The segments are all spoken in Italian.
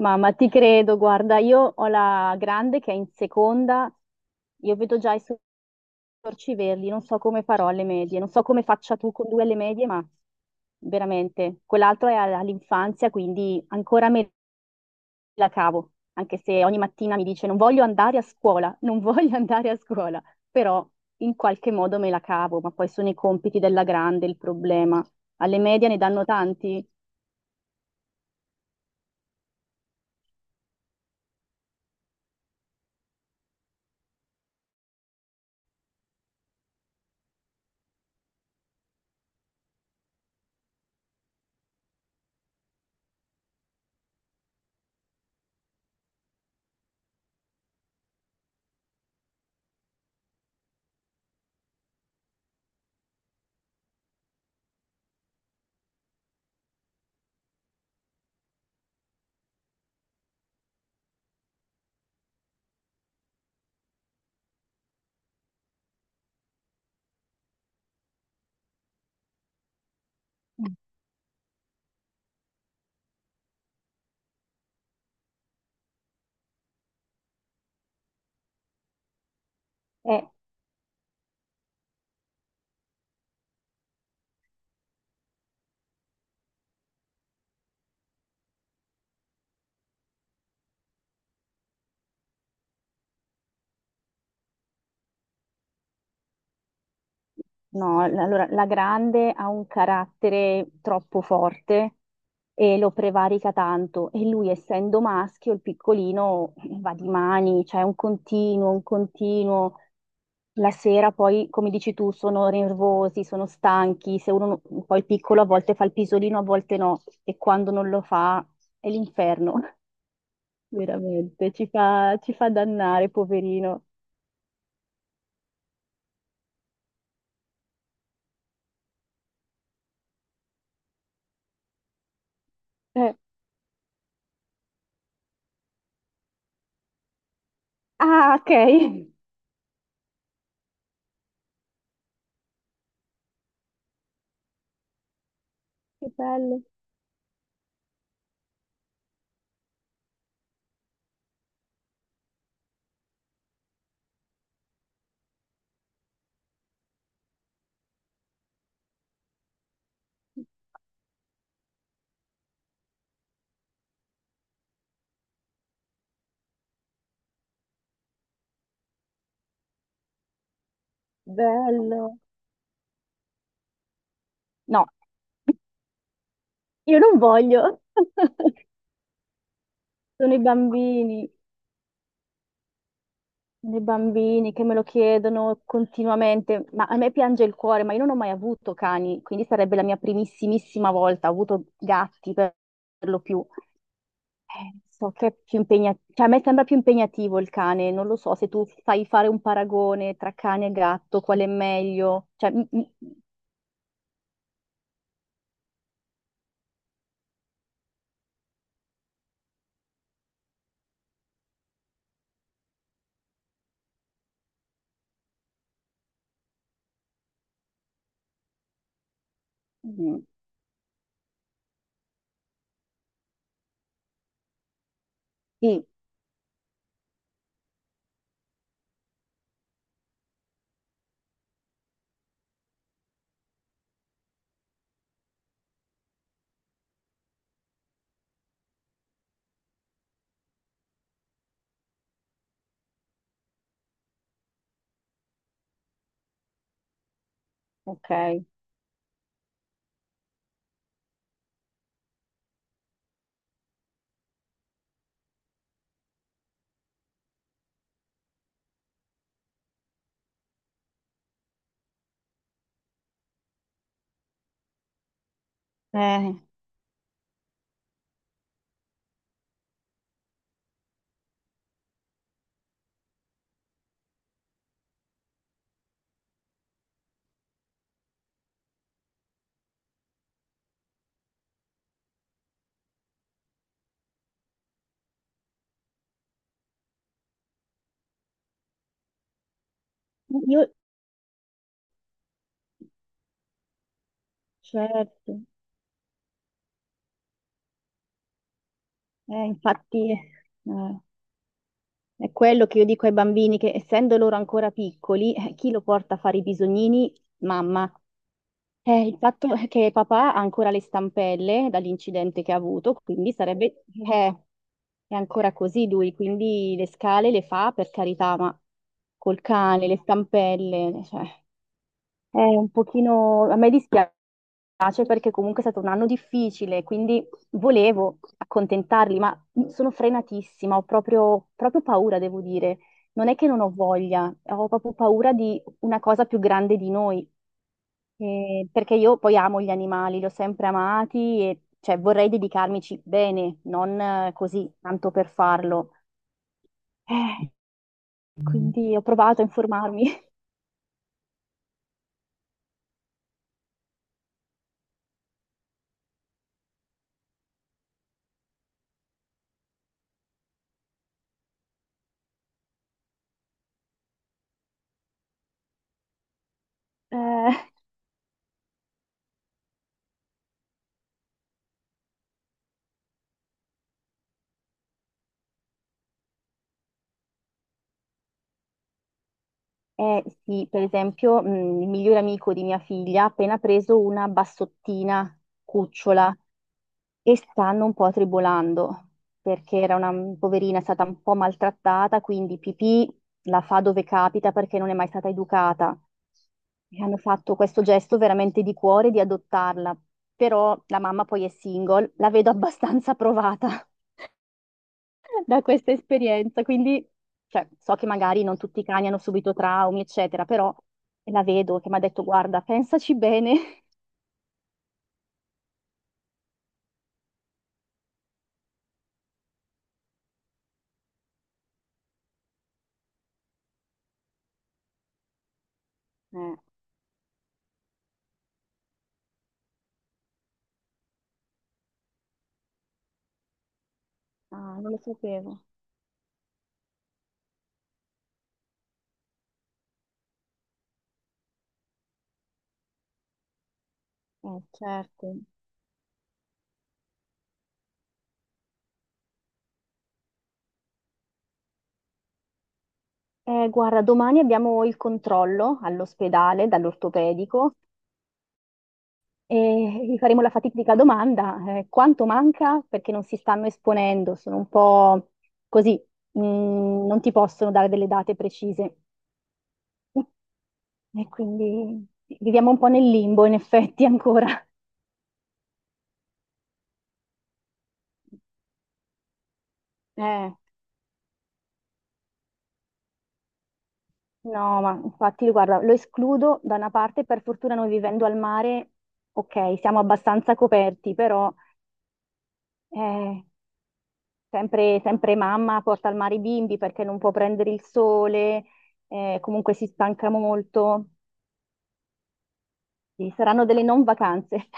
Mamma, ti credo, guarda, io ho la grande che è in seconda, io vedo già i suoi sorci verdi, non so come farò alle medie, non so come faccia tu con due alle medie, ma veramente, quell'altro è all'infanzia, quindi ancora me la cavo, anche se ogni mattina mi dice non voglio andare a scuola, non voglio andare a scuola, però in qualche modo me la cavo, ma poi sono i compiti della grande il problema. Alle medie ne danno tanti. Eh, No, allora la grande ha un carattere troppo forte e lo prevarica tanto e lui essendo maschio, il piccolino va di mani, cioè è un continuo, un continuo. La sera poi, come dici tu, sono nervosi, sono stanchi, se uno, poi il piccolo a volte fa il pisolino, a volte no e quando non lo fa è l'inferno, veramente, ci fa dannare, poverino. Eh, Ah, ok, che bello, bello. No, io non voglio. Sono i bambini, sono i bambini che me lo chiedono continuamente, ma a me piange il cuore, ma io non ho mai avuto cani, quindi sarebbe la mia primissimissima volta, ho avuto gatti per lo più. So che è più impegnativo, cioè a me sembra più impegnativo il cane, non lo so, se tu fai fare un paragone tra cane e gatto, qual è meglio? Cioè, mm, mm, mm, sì, ok. Eh, io, certo, infatti... eh. È quello che io dico ai bambini, che essendo loro ancora piccoli, chi lo porta a fare i bisognini? Mamma. Il fatto è che papà ha ancora le stampelle dall'incidente che ha avuto, quindi sarebbe... eh, è ancora così lui, quindi le scale le fa per carità, ma col cane, le stampelle, cioè, è un pochino... A me dispiace piace perché comunque è stato un anno difficile, quindi volevo accontentarli, ma sono frenatissima, ho proprio, proprio paura, devo dire. Non è che non ho voglia, ho proprio paura di una cosa più grande di noi, perché io poi amo gli animali, li ho sempre amati e cioè, vorrei dedicarmici bene, non così, tanto per farlo. Eh, Mm. Quindi ho provato a informarmi. Eh, Eh sì, per esempio, il migliore amico di mia figlia ha appena preso una bassottina cucciola e stanno un po' tribolando perché era una poverina, è stata un po' maltrattata, quindi pipì la fa dove capita perché non è mai stata educata. E hanno fatto questo gesto veramente di cuore di adottarla, però la mamma poi è single, la vedo abbastanza provata da questa esperienza, quindi cioè, so che magari non tutti i cani hanno subito traumi, eccetera, però la vedo che mi ha detto, guarda, pensaci bene. Eh, ah, non lo sapevo. Certo. Guarda, domani abbiamo il controllo all'ospedale dall'ortopedico e gli faremo la fatidica domanda, quanto manca? Perché non si stanno esponendo, sono un po' così, non ti possono dare delle date precise. E quindi viviamo un po' nel limbo, in effetti, ancora. Eh, no, ma infatti, guarda, lo escludo da una parte, per fortuna noi vivendo al mare, ok, siamo abbastanza coperti, però eh, sempre, sempre mamma porta al mare i bimbi perché non può prendere il sole, comunque si stanca molto. Sì, saranno delle non vacanze.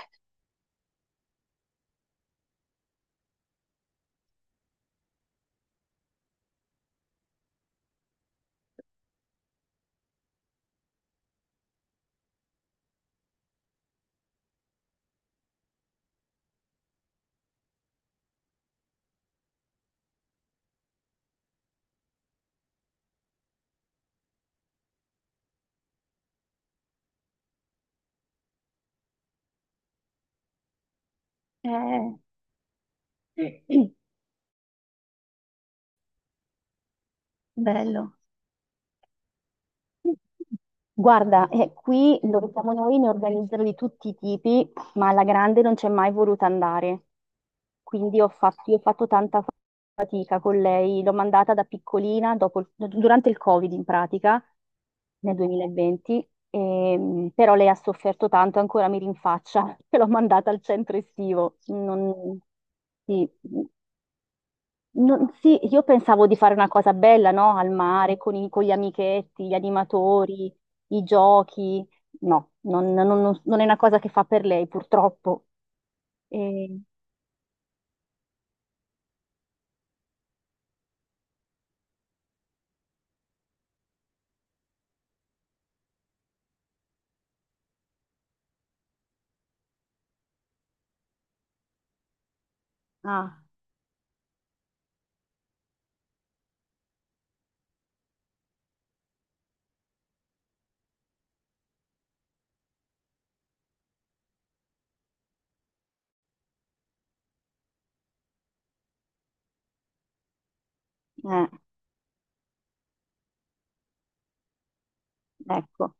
Eh, bello. Guarda, qui dove siamo noi ne organizzano di tutti i tipi, ma alla grande non c'è mai voluta andare. Quindi io ho fatto tanta fatica con lei. L'ho mandata da piccolina, dopo durante il Covid in pratica, nel 2020, però lei ha sofferto tanto, ancora mi rinfaccia che l'ho mandata al centro estivo. Non, sì. Sì, io pensavo di fare una cosa bella, no? Al mare, con gli amichetti, gli animatori, i giochi. No, non è una cosa che fa per lei, purtroppo. E- ah, eh, ecco,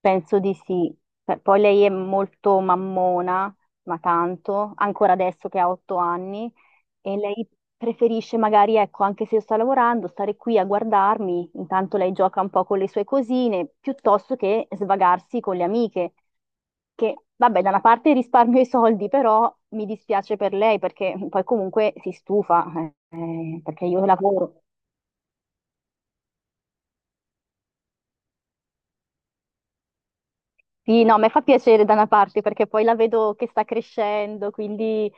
penso di sì. Beh, poi lei è molto mammona, ma tanto, ancora adesso che ha 8 anni. E lei preferisce magari, ecco, anche se io sto lavorando, stare qui a guardarmi, intanto lei gioca un po' con le sue cosine, piuttosto che svagarsi con le amiche, che vabbè, da una parte risparmio i soldi, però mi dispiace per lei perché poi comunque si stufa, perché io lavoro. Sì, no, a me fa piacere da una parte perché poi la vedo che sta crescendo, quindi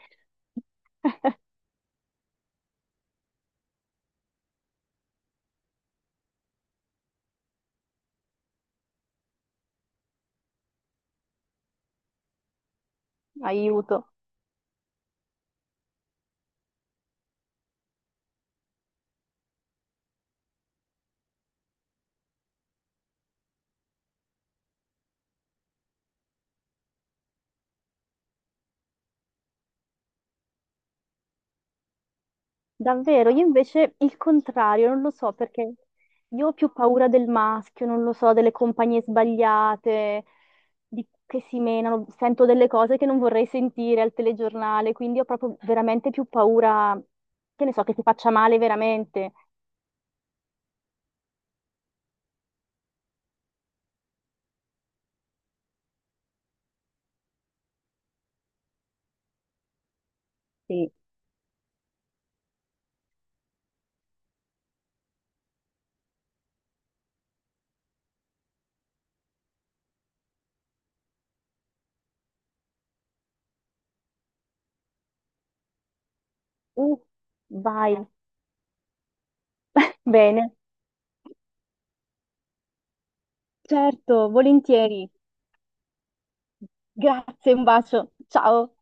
aiuto. Davvero, io invece il contrario, non lo so perché io ho più paura del maschio, non lo so, delle compagnie sbagliate, che si menano, sento delle cose che non vorrei sentire al telegiornale, quindi ho proprio veramente più paura, che ne so, che ti faccia male veramente. Sì. Uh, vai. Bene, certo, volentieri. Grazie, un bacio. Ciao.